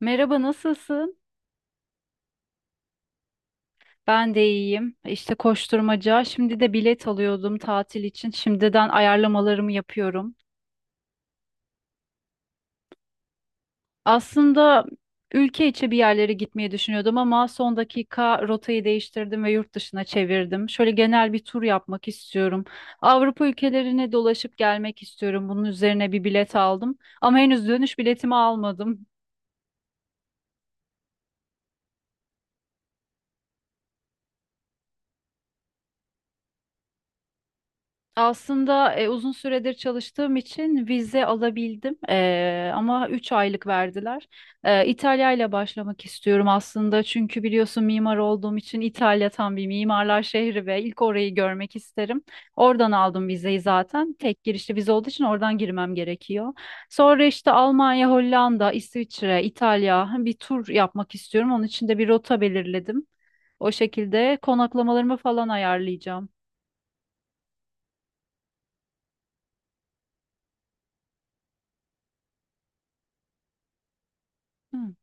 Merhaba, nasılsın? Ben de iyiyim. İşte koşturmaca. Şimdi de bilet alıyordum tatil için. Şimdiden ayarlamalarımı yapıyorum. Aslında ülke içi bir yerlere gitmeyi düşünüyordum ama son dakika rotayı değiştirdim ve yurt dışına çevirdim. Şöyle genel bir tur yapmak istiyorum. Avrupa ülkelerine dolaşıp gelmek istiyorum. Bunun üzerine bir bilet aldım ama henüz dönüş biletimi almadım. Aslında uzun süredir çalıştığım için vize alabildim, ama 3 aylık verdiler. İtalya ile başlamak istiyorum aslında çünkü biliyorsun mimar olduğum için İtalya tam bir mimarlar şehri ve ilk orayı görmek isterim. Oradan aldım vizeyi zaten tek girişli vize olduğu için oradan girmem gerekiyor. Sonra işte Almanya, Hollanda, İsviçre, İtalya bir tur yapmak istiyorum. Onun için de bir rota belirledim. O şekilde konaklamalarımı falan ayarlayacağım. Hı.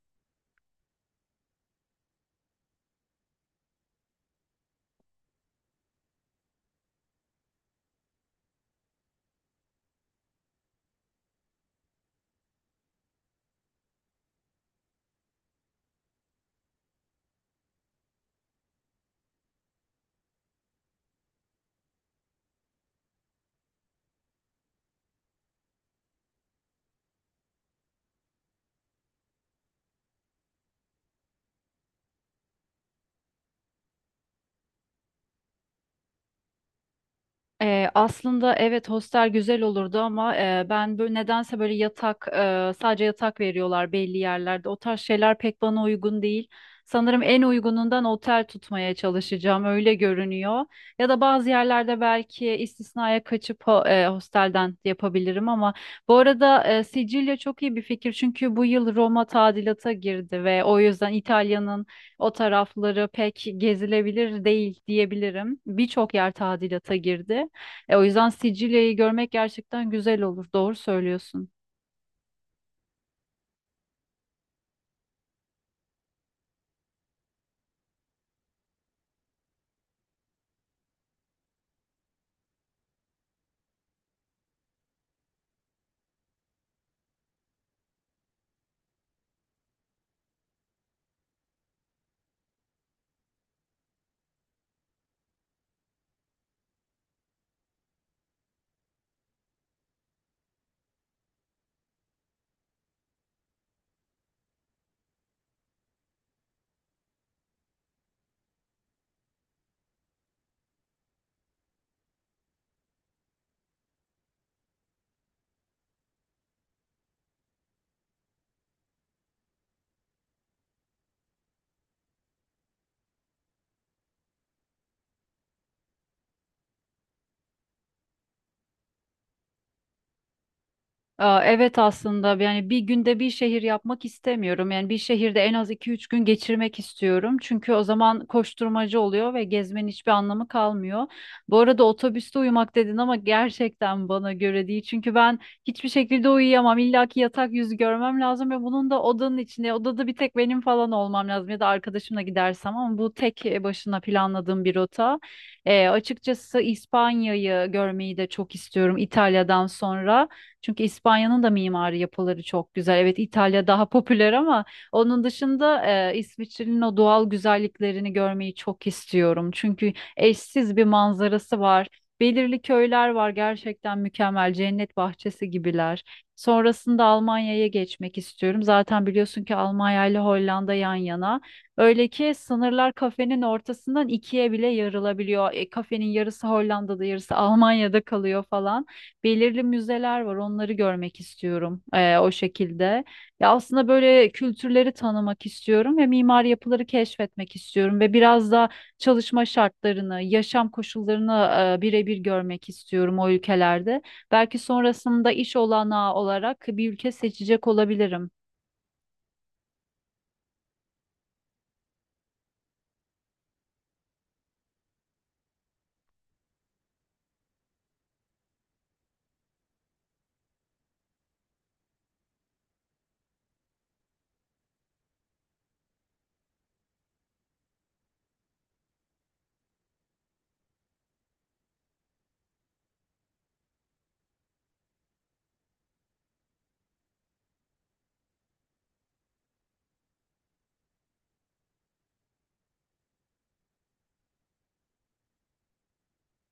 Aslında evet hostel güzel olurdu ama ben böyle nedense böyle yatak, sadece yatak veriyorlar belli yerlerde. O tarz şeyler pek bana uygun değil. Sanırım en uygunundan otel tutmaya çalışacağım öyle görünüyor. Ya da bazı yerlerde belki istisnaya kaçıp hostelden yapabilirim ama bu arada Sicilya çok iyi bir fikir çünkü bu yıl Roma tadilata girdi ve o yüzden İtalya'nın o tarafları pek gezilebilir değil diyebilirim. Birçok yer tadilata girdi. O yüzden Sicilya'yı görmek gerçekten güzel olur. Doğru söylüyorsun. Aa, evet aslında yani bir günde bir şehir yapmak istemiyorum. Yani bir şehirde en az 2 3 gün geçirmek istiyorum. Çünkü o zaman koşturmacı oluyor ve gezmenin hiçbir anlamı kalmıyor. Bu arada otobüste uyumak dedin ama gerçekten bana göre değil. Çünkü ben hiçbir şekilde uyuyamam. İlla ki yatak yüzü görmem lazım ve bunun da odanın içinde, odada bir tek benim falan olmam lazım ya da arkadaşımla gidersem ama bu tek başına planladığım bir rota. Açıkçası İspanya'yı görmeyi de çok istiyorum İtalya'dan sonra. Çünkü İspanya'nın da mimari yapıları çok güzel. Evet İtalya daha popüler ama onun dışında İsviçre'nin o doğal güzelliklerini görmeyi çok istiyorum. Çünkü eşsiz bir manzarası var. Belirli köyler var gerçekten mükemmel cennet bahçesi gibiler. Sonrasında Almanya'ya geçmek istiyorum. Zaten biliyorsun ki Almanya ile Hollanda yan yana. Öyle ki sınırlar kafenin ortasından ikiye bile yarılabiliyor. Kafenin yarısı Hollanda'da, yarısı Almanya'da kalıyor falan belirli müzeler var. Onları görmek istiyorum o şekilde. Ya aslında böyle kültürleri tanımak istiyorum ve mimari yapıları keşfetmek istiyorum ve biraz da çalışma şartlarını, yaşam koşullarını birebir görmek istiyorum o ülkelerde. Belki sonrasında iş olanağı olarak bir ülke seçecek olabilirim.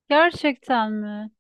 Gerçekten mi?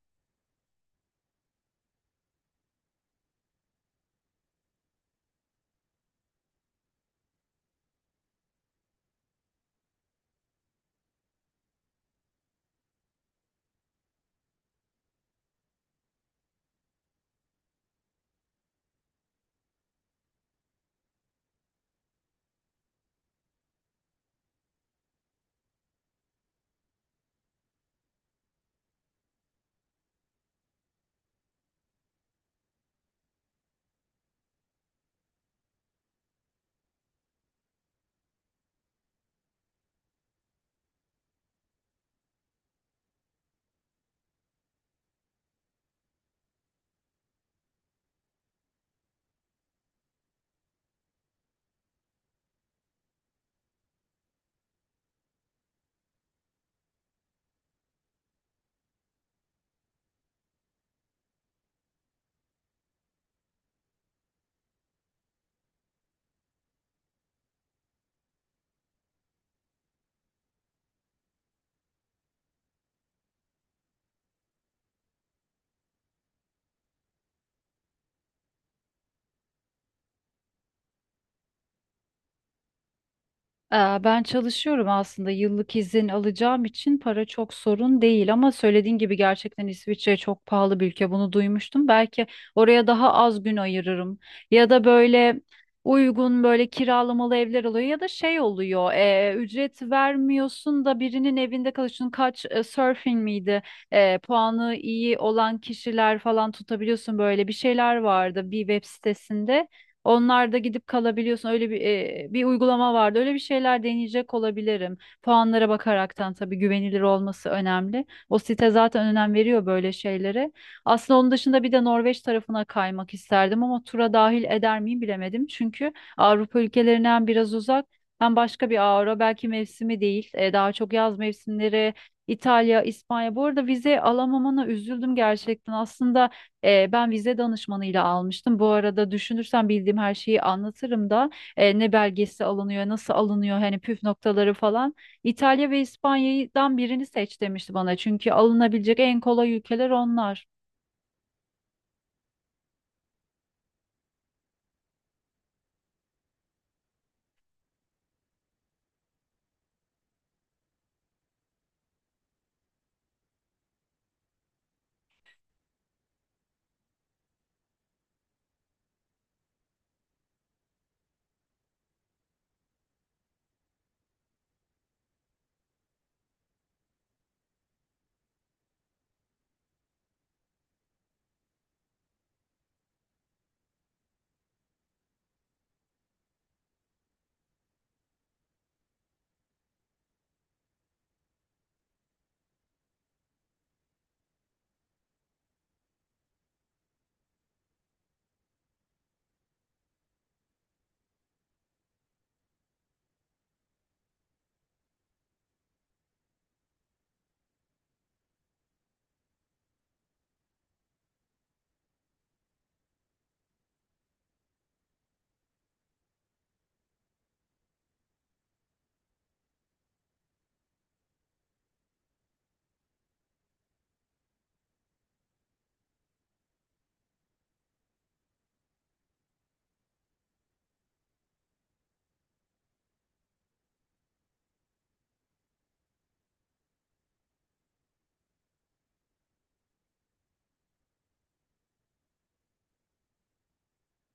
Ee, Ben çalışıyorum aslında yıllık izin alacağım için para çok sorun değil ama söylediğin gibi gerçekten İsviçre çok pahalı bir ülke bunu duymuştum. Belki oraya daha az gün ayırırım ya da böyle uygun böyle kiralamalı evler oluyor ya da şey oluyor ücret vermiyorsun da birinin evinde kalıyorsun kaç surfing miydi? Puanı iyi olan kişiler falan tutabiliyorsun böyle bir şeyler vardı bir web sitesinde. Onlar da gidip kalabiliyorsun. Öyle bir uygulama vardı. Öyle bir şeyler deneyecek olabilirim. Puanlara bakaraktan tabii güvenilir olması önemli. O site zaten önem veriyor böyle şeylere. Aslında onun dışında bir de Norveç tarafına kaymak isterdim ama tura dahil eder miyim bilemedim. Çünkü Avrupa ülkelerinden biraz uzak. Hem başka bir avro belki mevsimi değil. Daha çok yaz mevsimleri İtalya, İspanya. Bu arada vize alamamana üzüldüm gerçekten. Aslında ben vize danışmanıyla almıştım. Bu arada düşünürsem bildiğim her şeyi anlatırım da ne belgesi alınıyor, nasıl alınıyor, hani püf noktaları falan. İtalya ve İspanya'dan birini seç demişti bana. Çünkü alınabilecek en kolay ülkeler onlar.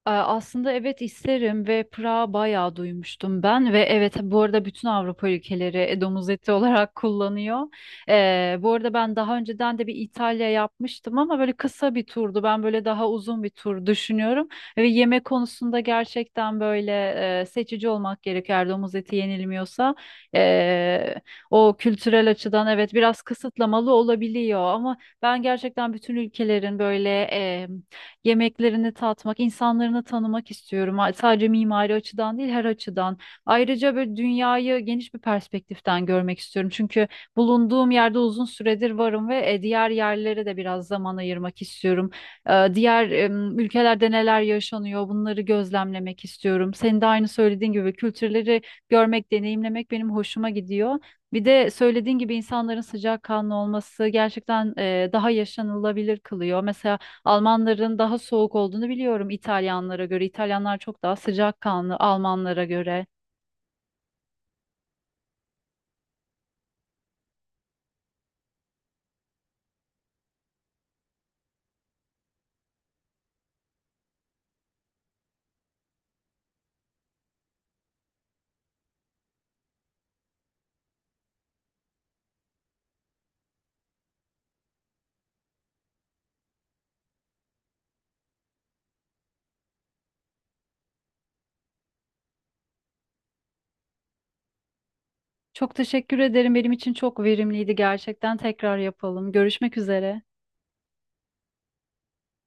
Aslında evet isterim ve Prag'ı bayağı duymuştum ben ve evet bu arada bütün Avrupa ülkeleri domuz eti olarak kullanıyor. Bu arada ben daha önceden de bir İtalya yapmıştım ama böyle kısa bir turdu. Ben böyle daha uzun bir tur düşünüyorum ve yemek konusunda gerçekten böyle seçici olmak gerekiyor eğer domuz eti yenilmiyorsa. Ee, o kültürel açıdan evet biraz kısıtlamalı olabiliyor ama ben gerçekten bütün ülkelerin böyle yemeklerini tatmak, insanlarını tanımak istiyorum. Sadece mimari açıdan değil, her açıdan. Ayrıca böyle dünyayı geniş bir perspektiften görmek istiyorum. Çünkü bulunduğum yerde uzun süredir varım ve diğer yerlere de biraz zaman ayırmak istiyorum. Diğer ülkelerde neler yaşanıyor, bunları gözlemlemek istiyorum. Senin de aynı söylediğin gibi kültürleri görmek, deneyimlemek benim hoşuma gidiyor. Bir de söylediğin gibi insanların sıcakkanlı olması gerçekten daha yaşanılabilir kılıyor. Mesela Almanların daha soğuk olduğunu biliyorum İtalyanlara göre. İtalyanlar çok daha sıcakkanlı Almanlara göre. Çok teşekkür ederim. Benim için çok verimliydi gerçekten. Tekrar yapalım. Görüşmek üzere.